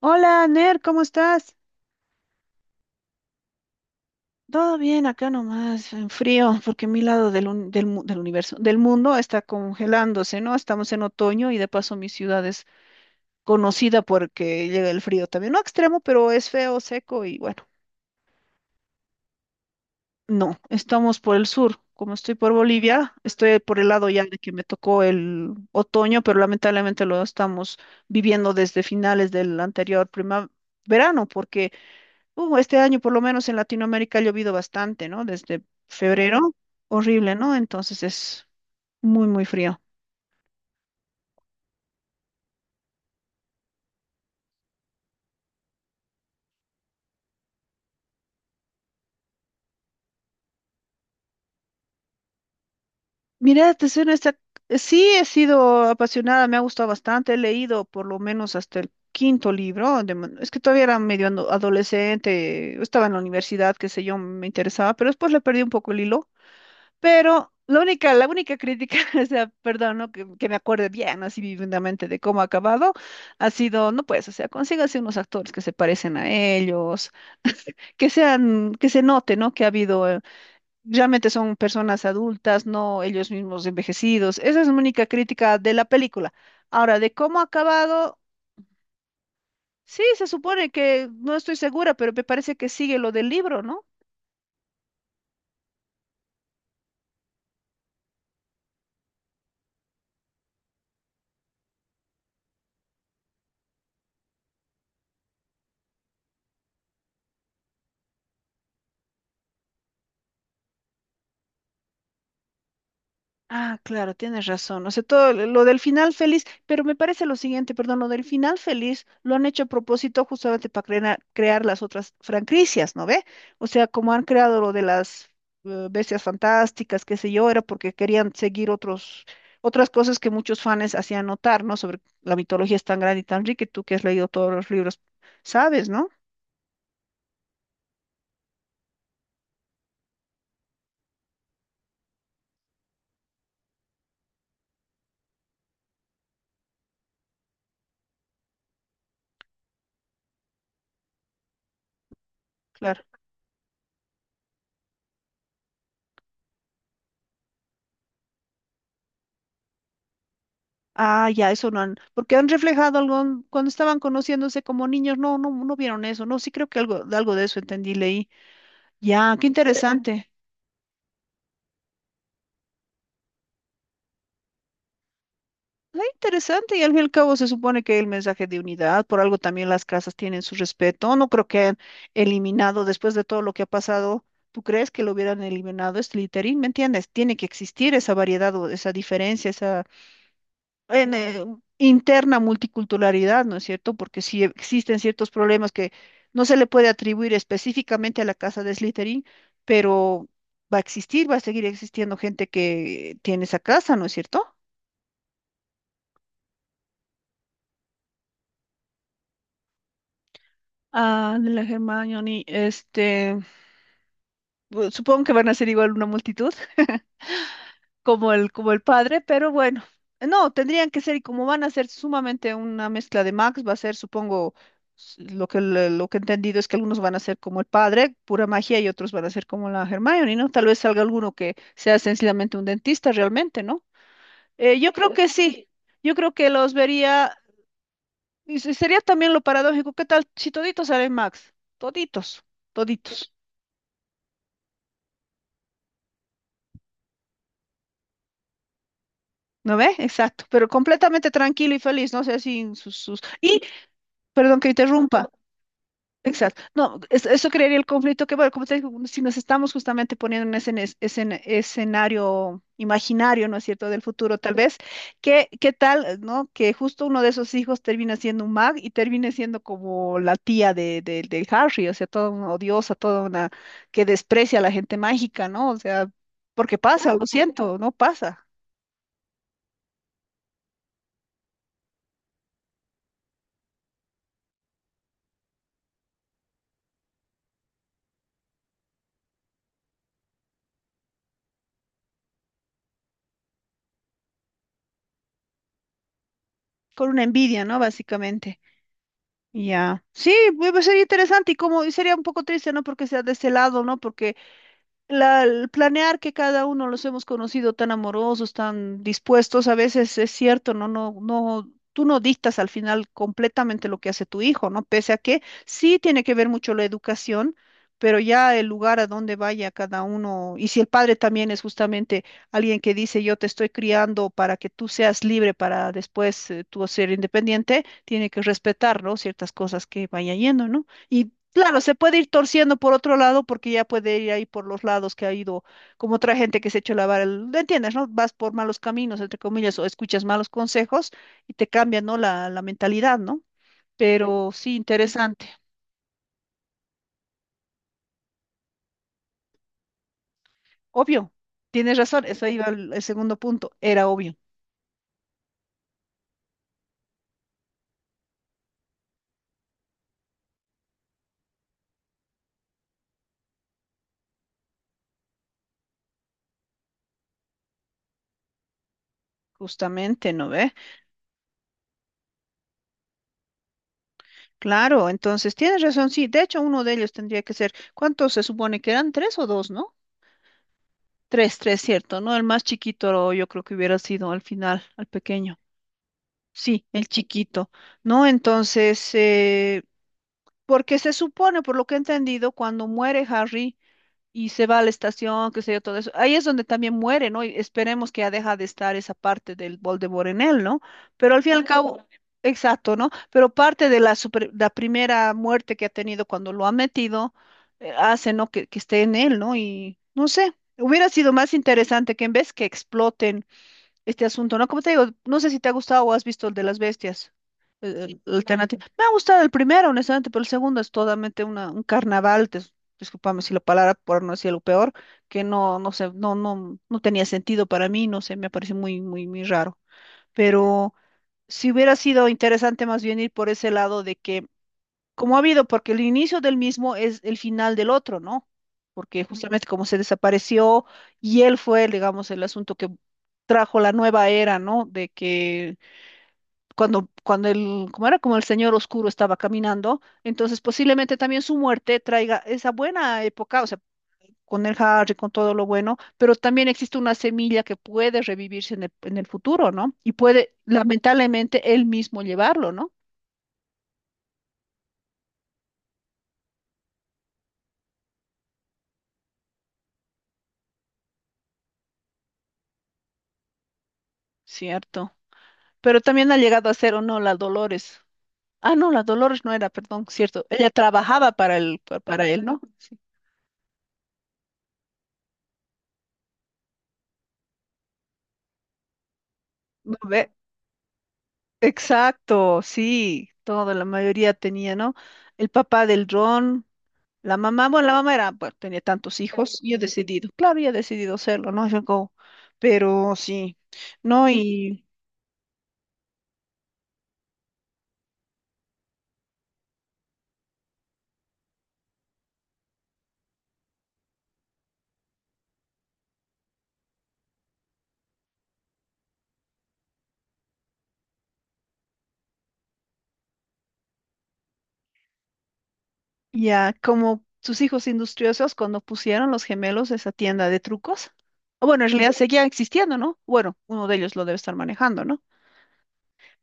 Hola, Ner, ¿cómo estás? Todo bien, acá nomás, en frío, porque mi lado del universo, del mundo está congelándose, ¿no? Estamos en otoño y de paso mi ciudad es conocida porque llega el frío también. No extremo, pero es feo, seco y bueno, no, estamos por el sur. Como estoy por Bolivia, estoy por el lado ya de que me tocó el otoño, pero lamentablemente lo estamos viviendo desde finales del anterior primavera, verano, porque este año, por lo menos en Latinoamérica, ha llovido bastante, ¿no? Desde febrero, horrible, ¿no? Entonces es muy, muy frío. Mira, te soy honesta, sí he sido apasionada, me ha gustado bastante, he leído por lo menos hasta el quinto libro, es que todavía era medio adolescente, estaba en la universidad, qué sé yo, me interesaba, pero después le perdí un poco el hilo. Pero la única crítica, o sea, perdón, ¿no? Que me acuerde bien, así vividamente de cómo ha acabado, ha sido, no pues, o sea, consígase unos actores que se parecen a ellos, que sean, que se note, ¿no? Que ha habido, realmente son personas adultas, no ellos mismos envejecidos. Esa es la única crítica de la película. Ahora, de cómo ha acabado, sí, se supone que, no estoy segura, pero me parece que sigue lo del libro, ¿no? Ah, claro, tienes razón. O sea, todo lo del final feliz, pero me parece lo siguiente, perdón, lo del final feliz lo han hecho a propósito justamente para crear las otras franquicias, ¿no ve? O sea, como han creado lo de las bestias fantásticas, qué sé yo, era porque querían seguir otras cosas que muchos fans hacían notar, ¿no? Sobre la mitología es tan grande y tan rica, y tú que has leído todos los libros, sabes, ¿no? Claro. Ah, ya, eso no han, porque han reflejado algo cuando estaban conociéndose como niños, no, no vieron eso, no, sí creo que algo, algo de eso entendí, leí. Ya, qué interesante. Ah, interesante, y al fin y al cabo se supone que el mensaje de unidad, por algo también las casas tienen su respeto, no creo que hayan eliminado después de todo lo que ha pasado, ¿tú crees que lo hubieran eliminado este littering? ¿Me entiendes? Tiene que existir esa variedad o esa diferencia, en, eh, interna multiculturalidad, ¿no es cierto? Porque si existen ciertos problemas que no se le puede atribuir específicamente a la casa de Slytherin, pero va a existir, va a seguir existiendo gente que tiene esa casa, ¿no es cierto? Ah, de la Hermione, este, supongo que van a ser igual una multitud. Como el, como el padre, pero bueno, no, tendrían que ser, y como van a ser sumamente una mezcla de Max, va a ser, supongo, lo que he entendido es que algunos van a ser como el padre, pura magia, y otros van a ser como la Hermione, ¿no? Tal vez salga alguno que sea sencillamente un dentista realmente, ¿no? Yo creo que sí, yo creo que los vería, y sería también lo paradójico, ¿qué tal si toditos salen Max? Toditos, toditos. ¿No ve? Exacto, pero completamente tranquilo y feliz, no sé, sin sus, sus... Y, perdón que interrumpa, exacto. No, eso crearía el conflicto que, bueno, como te digo, si nos estamos justamente poniendo en ese escenario imaginario, ¿no es cierto?, del futuro, tal vez, ¿qué tal, ¿no? Que justo uno de esos hijos termina siendo un mag y termine siendo como la tía de Harry, o sea, toda una odiosa, toda una que desprecia a la gente mágica, ¿no? O sea, porque pasa, lo siento, ¿no? Pasa, con una envidia, ¿no? Básicamente. Ya, sí, pues, sería interesante y como y sería un poco triste, ¿no? Porque sea de ese lado, ¿no? Porque el planear que cada uno los hemos conocido tan amorosos, tan dispuestos, a veces es cierto, no, tú no dictas al final completamente lo que hace tu hijo, ¿no? Pese a que sí tiene que ver mucho la educación, pero ya el lugar a donde vaya cada uno, y si el padre también es justamente alguien que dice, yo te estoy criando para que tú seas libre para después tú ser independiente, tiene que respetar, ¿no? Ciertas cosas que vaya yendo, ¿no? Y claro, se puede ir torciendo por otro lado porque ya puede ir ahí por los lados que ha ido, como otra gente que se ha hecho lavar el, ¿entiendes, no? Vas por malos caminos, entre comillas, o escuchas malos consejos y te cambia, ¿no? la mentalidad, ¿no? Pero sí, interesante. Obvio, tienes razón, eso iba al- el segundo punto, era obvio, justamente, ¿no ve? Claro, entonces tienes razón, sí, de hecho uno de ellos tendría que ser, ¿cuántos se supone que eran? ¿Tres o dos, no? Tres, tres, cierto, ¿no? El más chiquito yo creo que hubiera sido al final, al pequeño. Sí, el chiquito, ¿no? Entonces, porque se supone, por lo que he entendido, cuando muere Harry y se va a la estación, qué sé yo, todo eso, ahí es donde también muere, ¿no? Y esperemos que ya deja de estar esa parte del Voldemort en él, ¿no? Pero al fin y al cabo, ujú, exacto, ¿no? Pero parte de la, la primera muerte que ha tenido cuando lo ha metido, hace, ¿no? que esté en él, ¿no? Y no sé, hubiera sido más interesante que en vez que exploten este asunto, ¿no? Como te digo, no sé si te ha gustado o has visto el de las bestias, sí, el alternativo. Me ha gustado el primero, honestamente, pero el segundo es totalmente una, un carnaval, discúlpame si la palabra, por no decir lo peor, que no, no sé, no tenía sentido para mí, no sé, me parece muy, muy, muy raro. Pero si hubiera sido interesante más bien ir por ese lado de que como ha habido, porque el inicio del mismo es el final del otro, ¿no? Porque justamente como se desapareció y él fue, digamos, el asunto que trajo la nueva era, ¿no? De que cuando el, como era como el señor oscuro estaba caminando, entonces posiblemente también su muerte traiga esa buena época, o sea, con el Harry, con todo lo bueno, pero también existe una semilla que puede revivirse en el futuro, ¿no? Y puede, lamentablemente, él mismo llevarlo, ¿no? Cierto. Pero también ha llegado a ser o no la Dolores. Ah, no, la Dolores no era, perdón, cierto. Ella trabajaba para él, para él, ¿no? Sí. ¿No ve? Exacto, sí, toda la mayoría tenía, ¿no? El papá del dron, la mamá, bueno, la mamá era, pues, tenía tantos hijos y ha decidido, claro, y ha decidido hacerlo, ¿no? Yo go, pero sí, ¿no? Y ya, como sus hijos industriosos, cuando pusieron los gemelos esa tienda de trucos, o bueno, en realidad seguía existiendo, ¿no? Bueno, uno de ellos lo debe estar manejando, ¿no?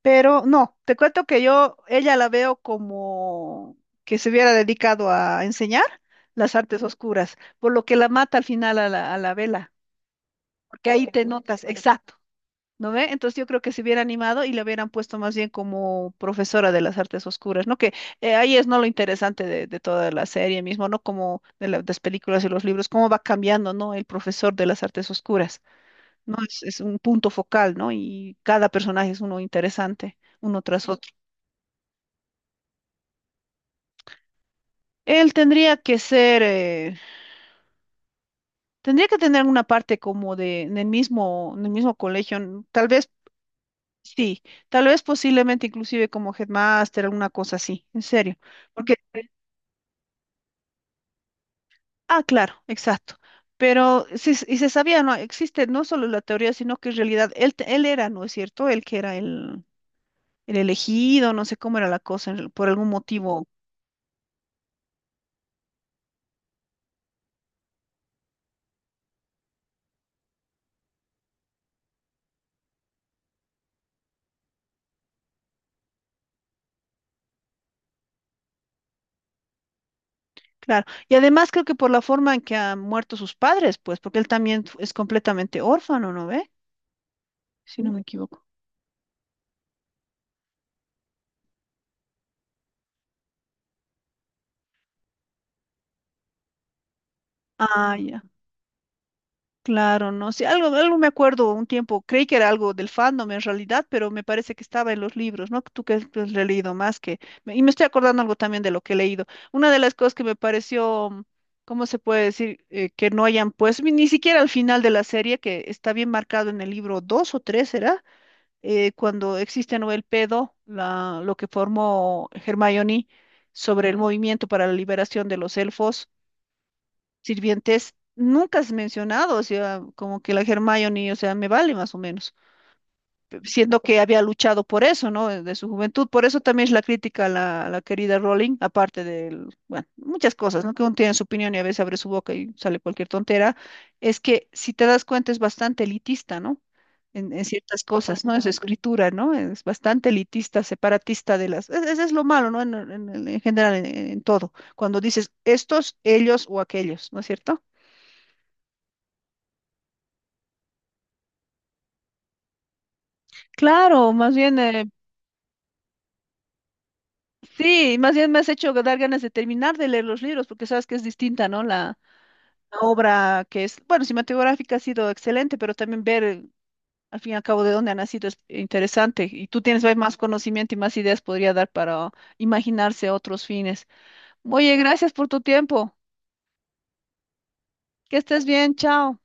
Pero no, te cuento que yo, ella la veo como que se hubiera dedicado a enseñar las artes oscuras, por lo que la mata al final a a la vela, porque ahí te notas, exacto, ¿no ve? Entonces yo creo que se hubiera animado y la hubieran puesto más bien como profesora de las artes oscuras, ¿no? Que ahí es no lo interesante de toda la serie mismo, ¿no? Como de las películas y los libros, cómo va cambiando, ¿no? El profesor de las artes oscuras, ¿no? Es un punto focal, ¿no? Y cada personaje es uno interesante, uno tras otro. Él tendría que ser, tendría que tener una parte como de, en el mismo colegio, tal vez, sí, tal vez posiblemente inclusive como headmaster, alguna cosa así, en serio, porque, ah, claro, exacto, pero sí, y se sabía, no, existe no solo la teoría, sino que en realidad él, él era, ¿no es cierto? Él que era el elegido, no sé cómo era la cosa, por algún motivo. Claro, y además creo que por la forma en que han muerto sus padres, pues, porque él también es completamente órfano, ¿no ve? Si no me equivoco. Ah, ya. Claro, no sé, algo, algo me acuerdo un tiempo, creí que era algo del fandom en realidad, pero me parece que estaba en los libros, ¿no? Tú que has leído más que... me- y me estoy acordando algo también de lo que he leído. Una de las cosas que me pareció, ¿cómo se puede decir? Que no hayan, pues, ni siquiera al final de la serie, que está bien marcado en el libro 2 o 3 ¿era? Cuando existe Noel Pedo, la, lo que formó Hermione sobre el movimiento para la liberación de los elfos sirvientes nunca has mencionado, o sea, como que la Hermione, o sea, me vale más o menos, siendo que había luchado por eso, ¿no? De su juventud, por eso también es la crítica a a la querida Rowling, aparte del, bueno, muchas cosas, ¿no? Que uno tiene su opinión y a veces abre su boca y sale cualquier tontera, es que si te das cuenta es bastante elitista, ¿no? En ciertas cosas, ¿no? Es escritura, ¿no? Es bastante elitista, separatista de las... Ese es lo malo, ¿no? En, en general, en todo. Cuando dices estos, ellos o aquellos, ¿no es cierto? Claro, más bien, sí, más bien me has hecho dar ganas de terminar de leer los libros, porque sabes que es distinta, ¿no? La obra que es, bueno, cinematográfica ha sido excelente, pero también ver al fin y al cabo de dónde ha nacido es interesante. Y tú tienes pues, más conocimiento y más ideas podría dar para imaginarse otros fines. Oye, gracias por tu tiempo. Que estés bien, chao.